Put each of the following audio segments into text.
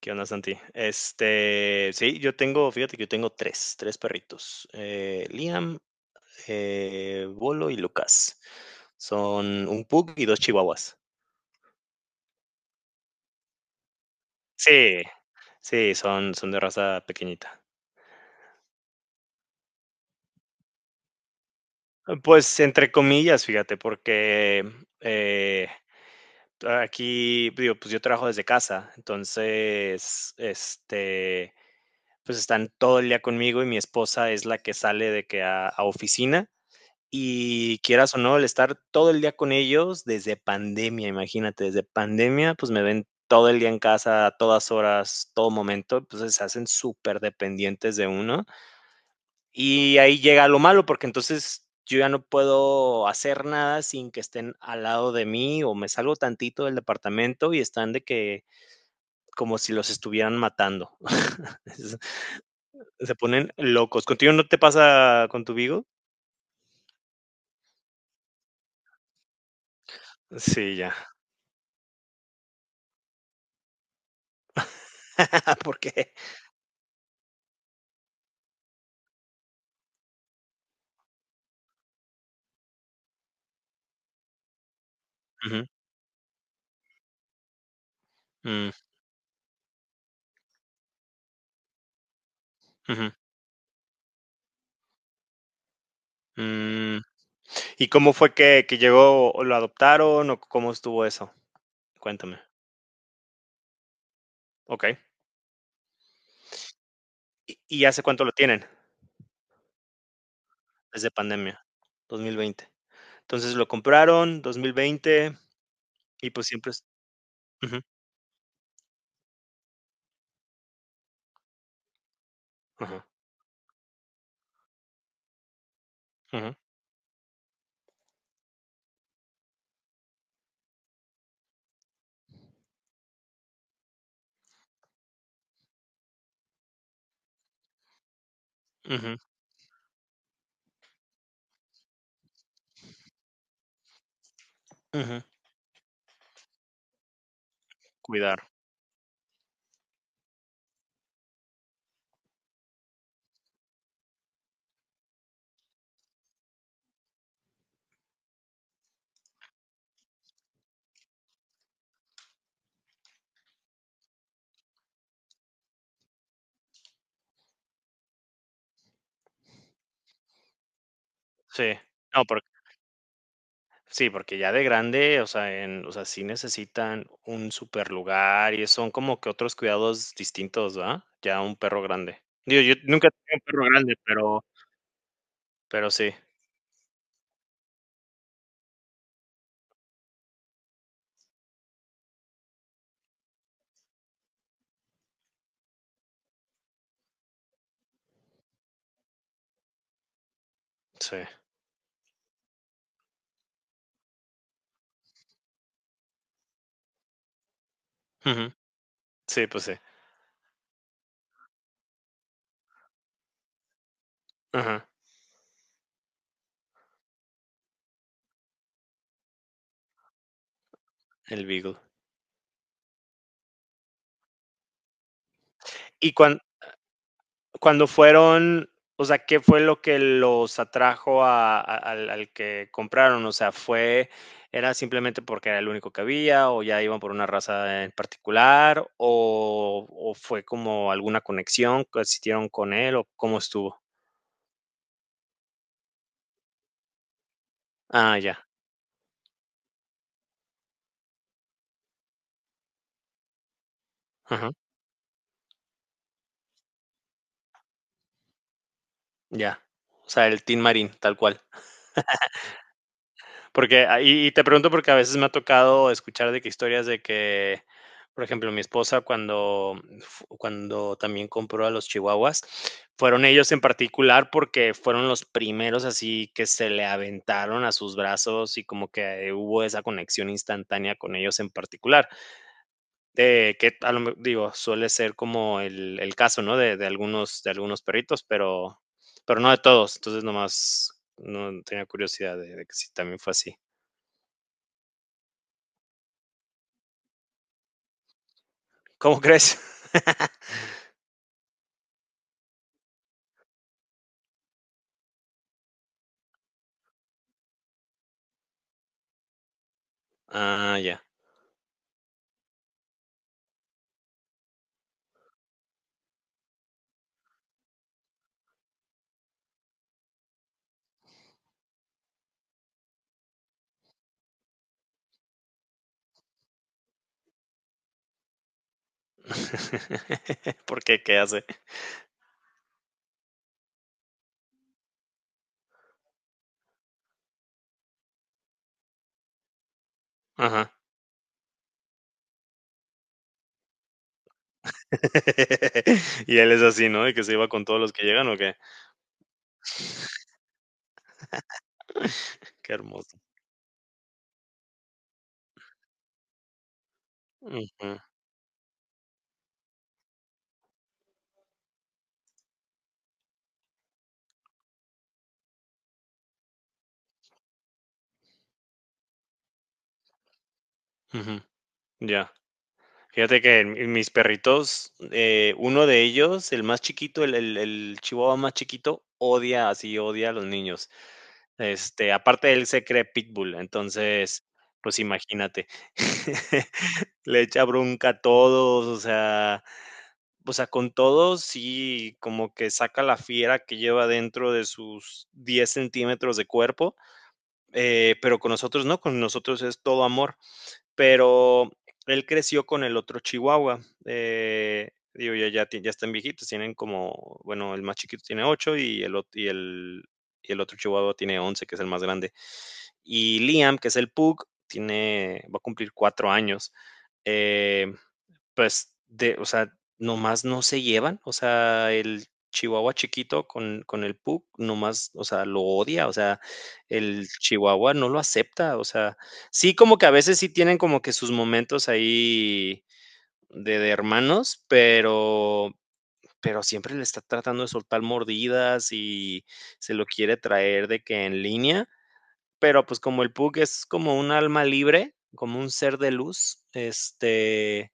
¿Qué onda, Santi? Este, sí, yo tengo, fíjate que yo tengo tres perritos. Liam, Bolo y Lucas. Son un pug y dos chihuahuas. Sí, sí, son de raza pequeñita. Pues entre comillas, fíjate, porque eh, aquí, digo, pues yo trabajo desde casa, entonces, este, pues están todo el día conmigo y mi esposa es la que sale de que a oficina. Y quieras o no, el estar todo el día con ellos desde pandemia, imagínate, desde pandemia, pues me ven todo el día en casa, a todas horas, todo momento, entonces se hacen súper dependientes de uno. Y ahí llega lo malo, porque entonces yo ya no puedo hacer nada sin que estén al lado de mí o me salgo tantito del departamento y están de que como si los estuvieran matando. Es- Se ponen locos. ¿Contigo no te pasa con tu Vigo? Sí, ya. Porque. Ujú, mm, ujú. Mm, ¿y cómo fue que, llegó o lo adoptaron o cómo estuvo eso? Cuéntame. Okey. Y hace cuánto lo tienen? Desde pandemia, 2020. Entonces, lo compraron 2020 y, pues, siempre es, ujú, ajá, ujú, ujú, ujú. Cuidar. Sí. No, porque sí, porque ya de grande, o sea, sí necesitan un super lugar y son como que otros cuidados distintos, ¿verdad? Ya un perro grande. Digo, yo nunca tengo un perro grande, pero sí, sí. Ujú. Sí, pues sí. Ajá, el Beagle. Y cuan- Cuando fueron, o sea, ¿qué fue lo que los atrajo a- al, al que compraron? O sea, ¿fue, era simplemente porque era el único que había o ya iban por una raza en particular o fue como alguna conexión que existieron con él o cómo estuvo? Ah, ya. Ajá, ya. O sea, el Team Marine, tal cual. Porque, ah, y te pregunto porque a veces me ha tocado escuchar de que historias de que, por ejemplo, mi esposa cuando fu cuando también compró a los chihuahuas, fueron ellos en particular porque fueron los primeros así que se le aventaron a sus brazos y como que hubo esa conexión instantánea con ellos en particular, que a lo me digo, suele ser como el caso, ¿no? De algunos de algunos perritos, pero no de todos. Entonces, nomás, no tenía curiosidad de que si también fue así. ¿Cómo crees? ah, ya. ¿Por qué? ¿Qué hace? Ajá. y él es así, ¿no? Y que se iba con todos los que llegan, ¿o qué? Qué hermoso. Ujú, ujú. Ya. Fíjate que mis perritos, uno de ellos, el más chiquito, el chihuahua más chiquito, odia, así odia a los niños. Este, aparte él se cree pitbull, entonces, pues imagínate. Le echa bronca a todos, o sea, o sea, con todo, sí, como que saca la fiera que lleva dentro de sus 10 centímetros de cuerpo, pero con nosotros no, con nosotros es todo amor. Pero él creció con el otro chihuahua. Eh, digo, ya, ya, ya están viejitos, tienen como, bueno, el más chiquito tiene 8 y el, ot- y el otro chihuahua tiene 11, que es el más grande. Y Liam, que es el pug, tiene, va a cumplir 4 años. Eh, pues, de o sea, nomás no se llevan, o sea, el chihuahua chiquito con el pug nomás, o sea, lo odia, o sea, el chihuahua no lo acepta, o sea, sí, como que a veces sí tienen como que sus momentos ahí de hermanos, pero siempre le está tratando de soltar mordidas y se lo quiere traer de que en línea, pero, pues, como el pug es como un alma libre, como un ser de luz, este,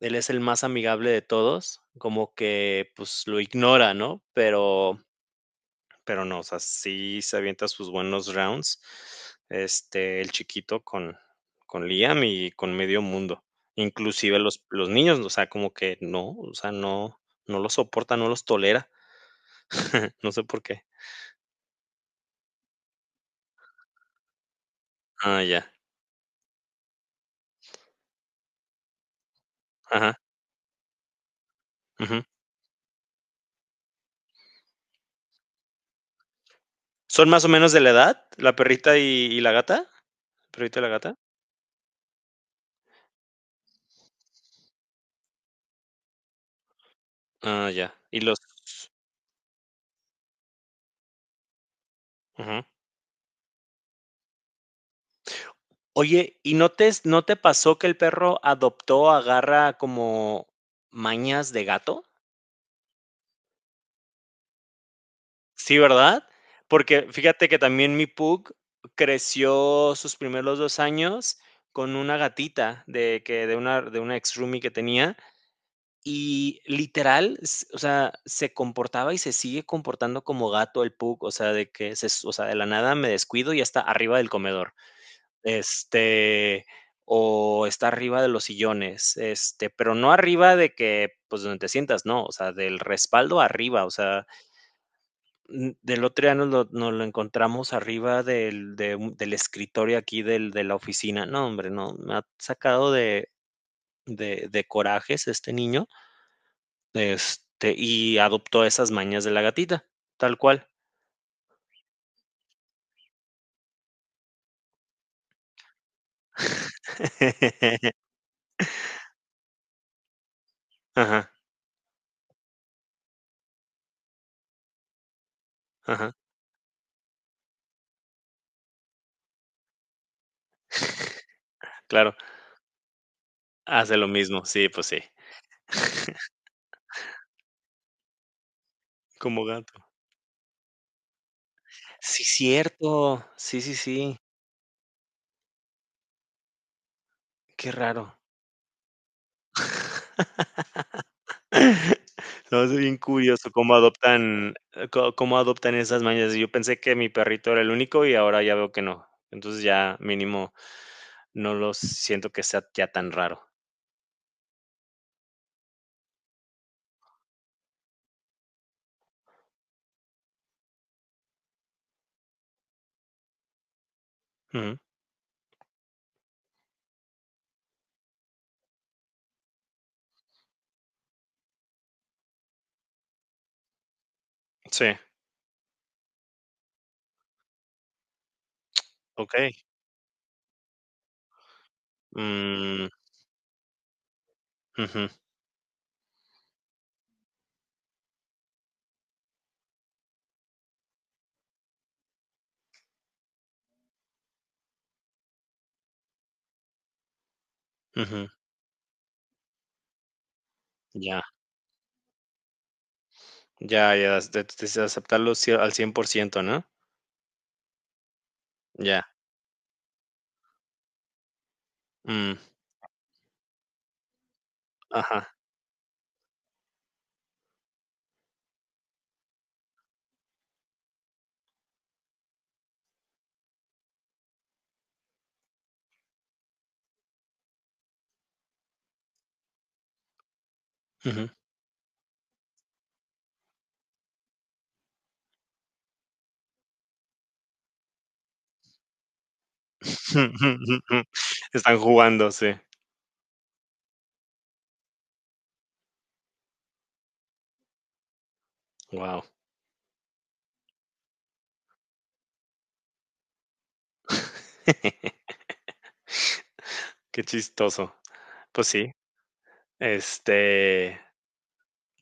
él es el más amigable de todos, como que pues lo ignora, ¿no? Pero no, o sea, sí se avienta sus buenos rounds, este, el chiquito con Liam y con medio mundo. Inclusive los niños, o sea, como que no, o sea, no, no los soporta, no los tolera. No sé por qué. Ah, ya. Ajá. Ujú. ¿Son más o menos de la edad? ¿La perrita y la gata? ¿Perrita y la gata? Ah, ya. Y los. Ujú. Oye, ¿y no te no te pasó que el perro adoptó, agarra como mañas de gato? Sí, ¿verdad? Porque fíjate que también mi pug creció sus primeros 2 años con una gatita de que de una ex roomie que tenía, y literal, s o sea, se comportaba y se sigue comportando como gato el pug, o sea, de que se s o sea, de la nada me descuido y ya está arriba del comedor. Este, o está arriba de los sillones, este, pero no arriba de que, pues, donde te sientas, no, o sea, del respaldo arriba, o sea, del otro día nos lo encontramos arriba del, del escritorio aquí del, de la oficina, no, hombre, no, me ha sacado de, de corajes este niño, este, y adoptó esas mañas de la gatita, tal cual. Ajá, ajá, claro, hace lo mismo, sí, pues sí, como gato. Sí, cierto. Sí, sí, sí. Qué raro. Se me hace bien curioso cómo adoptan, có cómo adoptan esas mañas. Yo pensé que mi perrito era el único y ahora ya veo que no. Entonces, ya mínimo no los siento que sea ya tan raro. Ujú. Sí, okey. Mm, ujú, ujú. Ya, ya, ya, es de aceptarlo cie al 100%, ¿no? Ya, mm, ajá, ujú. Están jugando, sí. Guau. Qué chistoso. Pues sí, este,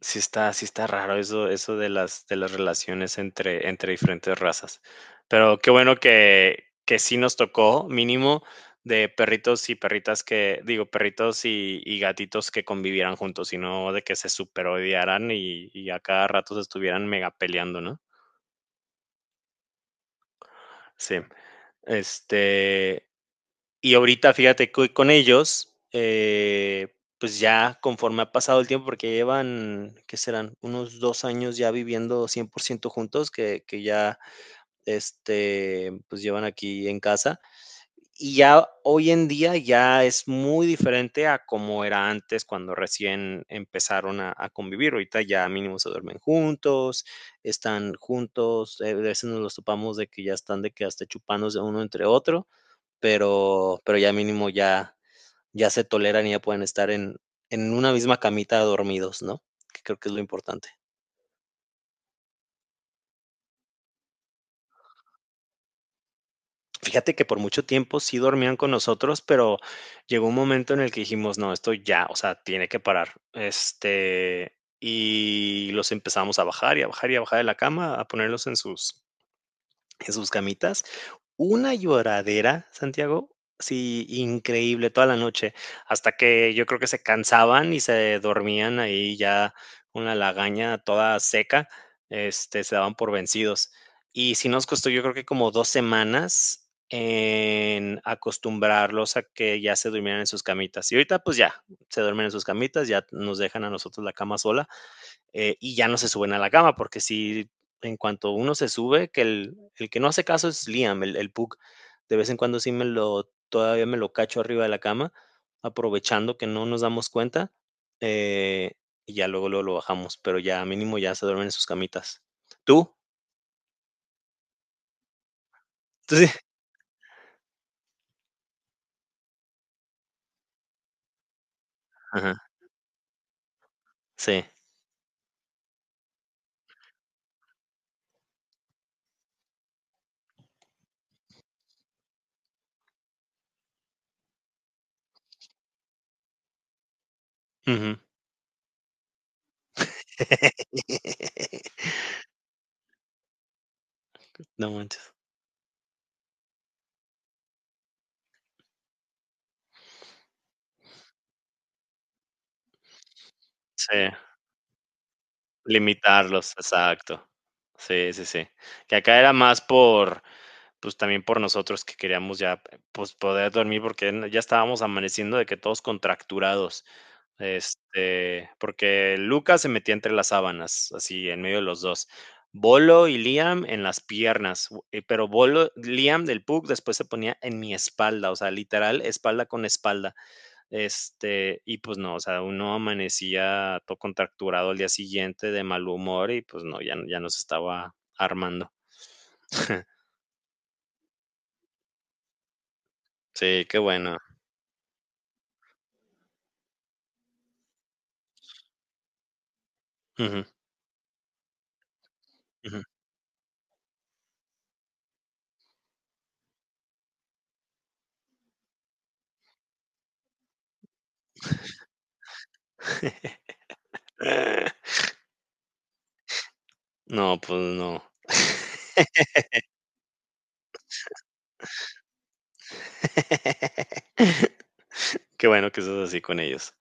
sí está raro eso eso de las relaciones entre diferentes razas. Pero qué bueno que sí nos tocó, mínimo, de perritos y perritas que digo, perritos y gatitos que convivieran juntos, y no de que se superodiaran y a cada rato se estuvieran mega peleando, ¿no? Sí. Este, y ahorita, fíjate que con ellos, pues ya conforme ha pasado el tiempo, porque llevan, ¿qué serán? Unos 2 años ya viviendo 100% juntos, que ya, este, pues llevan aquí en casa. Y ya hoy en día ya es muy diferente a como era antes cuando recién empezaron a convivir. Ahorita ya mínimo se duermen juntos, están juntos, a veces nos los topamos de que ya están de que hasta chupándose uno entre otro, pero ya mínimo ya se toleran y ya pueden estar en una misma camita dormidos, ¿no? Que creo que es lo importante. Fíjate que por mucho tiempo sí dormían con nosotros, pero llegó un momento en el que dijimos: "No, esto ya, o sea, tiene que parar". Este, y los empezamos a bajar, y a bajar, y a bajar de la cama, a ponerlos en sus camitas. Una lloradera, Santiago, sí, increíble, toda la noche, hasta que yo creo que se cansaban y se dormían ahí ya una lagaña toda seca, este, se daban por vencidos. Y sí nos costó, yo creo que como 2 semanas en acostumbrarlos a que ya se durmieran en sus camitas. Y ahorita, pues ya, se duermen en sus camitas, ya nos dejan a nosotros la cama sola, y ya no se suben a la cama, porque si en cuanto uno se sube, que el que no hace caso es Liam, el Pug. De vez en cuando todavía me lo cacho arriba de la cama, aprovechando que no nos damos cuenta, eh, y ya luego, luego lo bajamos, pero ya mínimo ya se duermen en sus camitas. ¿Tú? ¿Tú sí? Ajá, sí. Ujú. No manches. Sí, limitarlos, exacto. Sí, sí, sí. Que acá era más pues también por nosotros que queríamos ya, pues poder dormir porque ya estábamos amaneciendo de que todos contracturados, este, porque Lucas se metía entre las sábanas, así en medio de los dos. Bolo y Liam en las piernas, pero Bolo, Liam del Pug después se ponía en mi espalda, o sea, literal, espalda con espalda. Este, y pues no, o sea, uno amanecía todo contracturado al día siguiente de mal humor y pues no, ya, ya nos estaba armando. Sí, qué bueno. Ujú. Ujú. No, pues no. Qué bueno que sos así con ellos.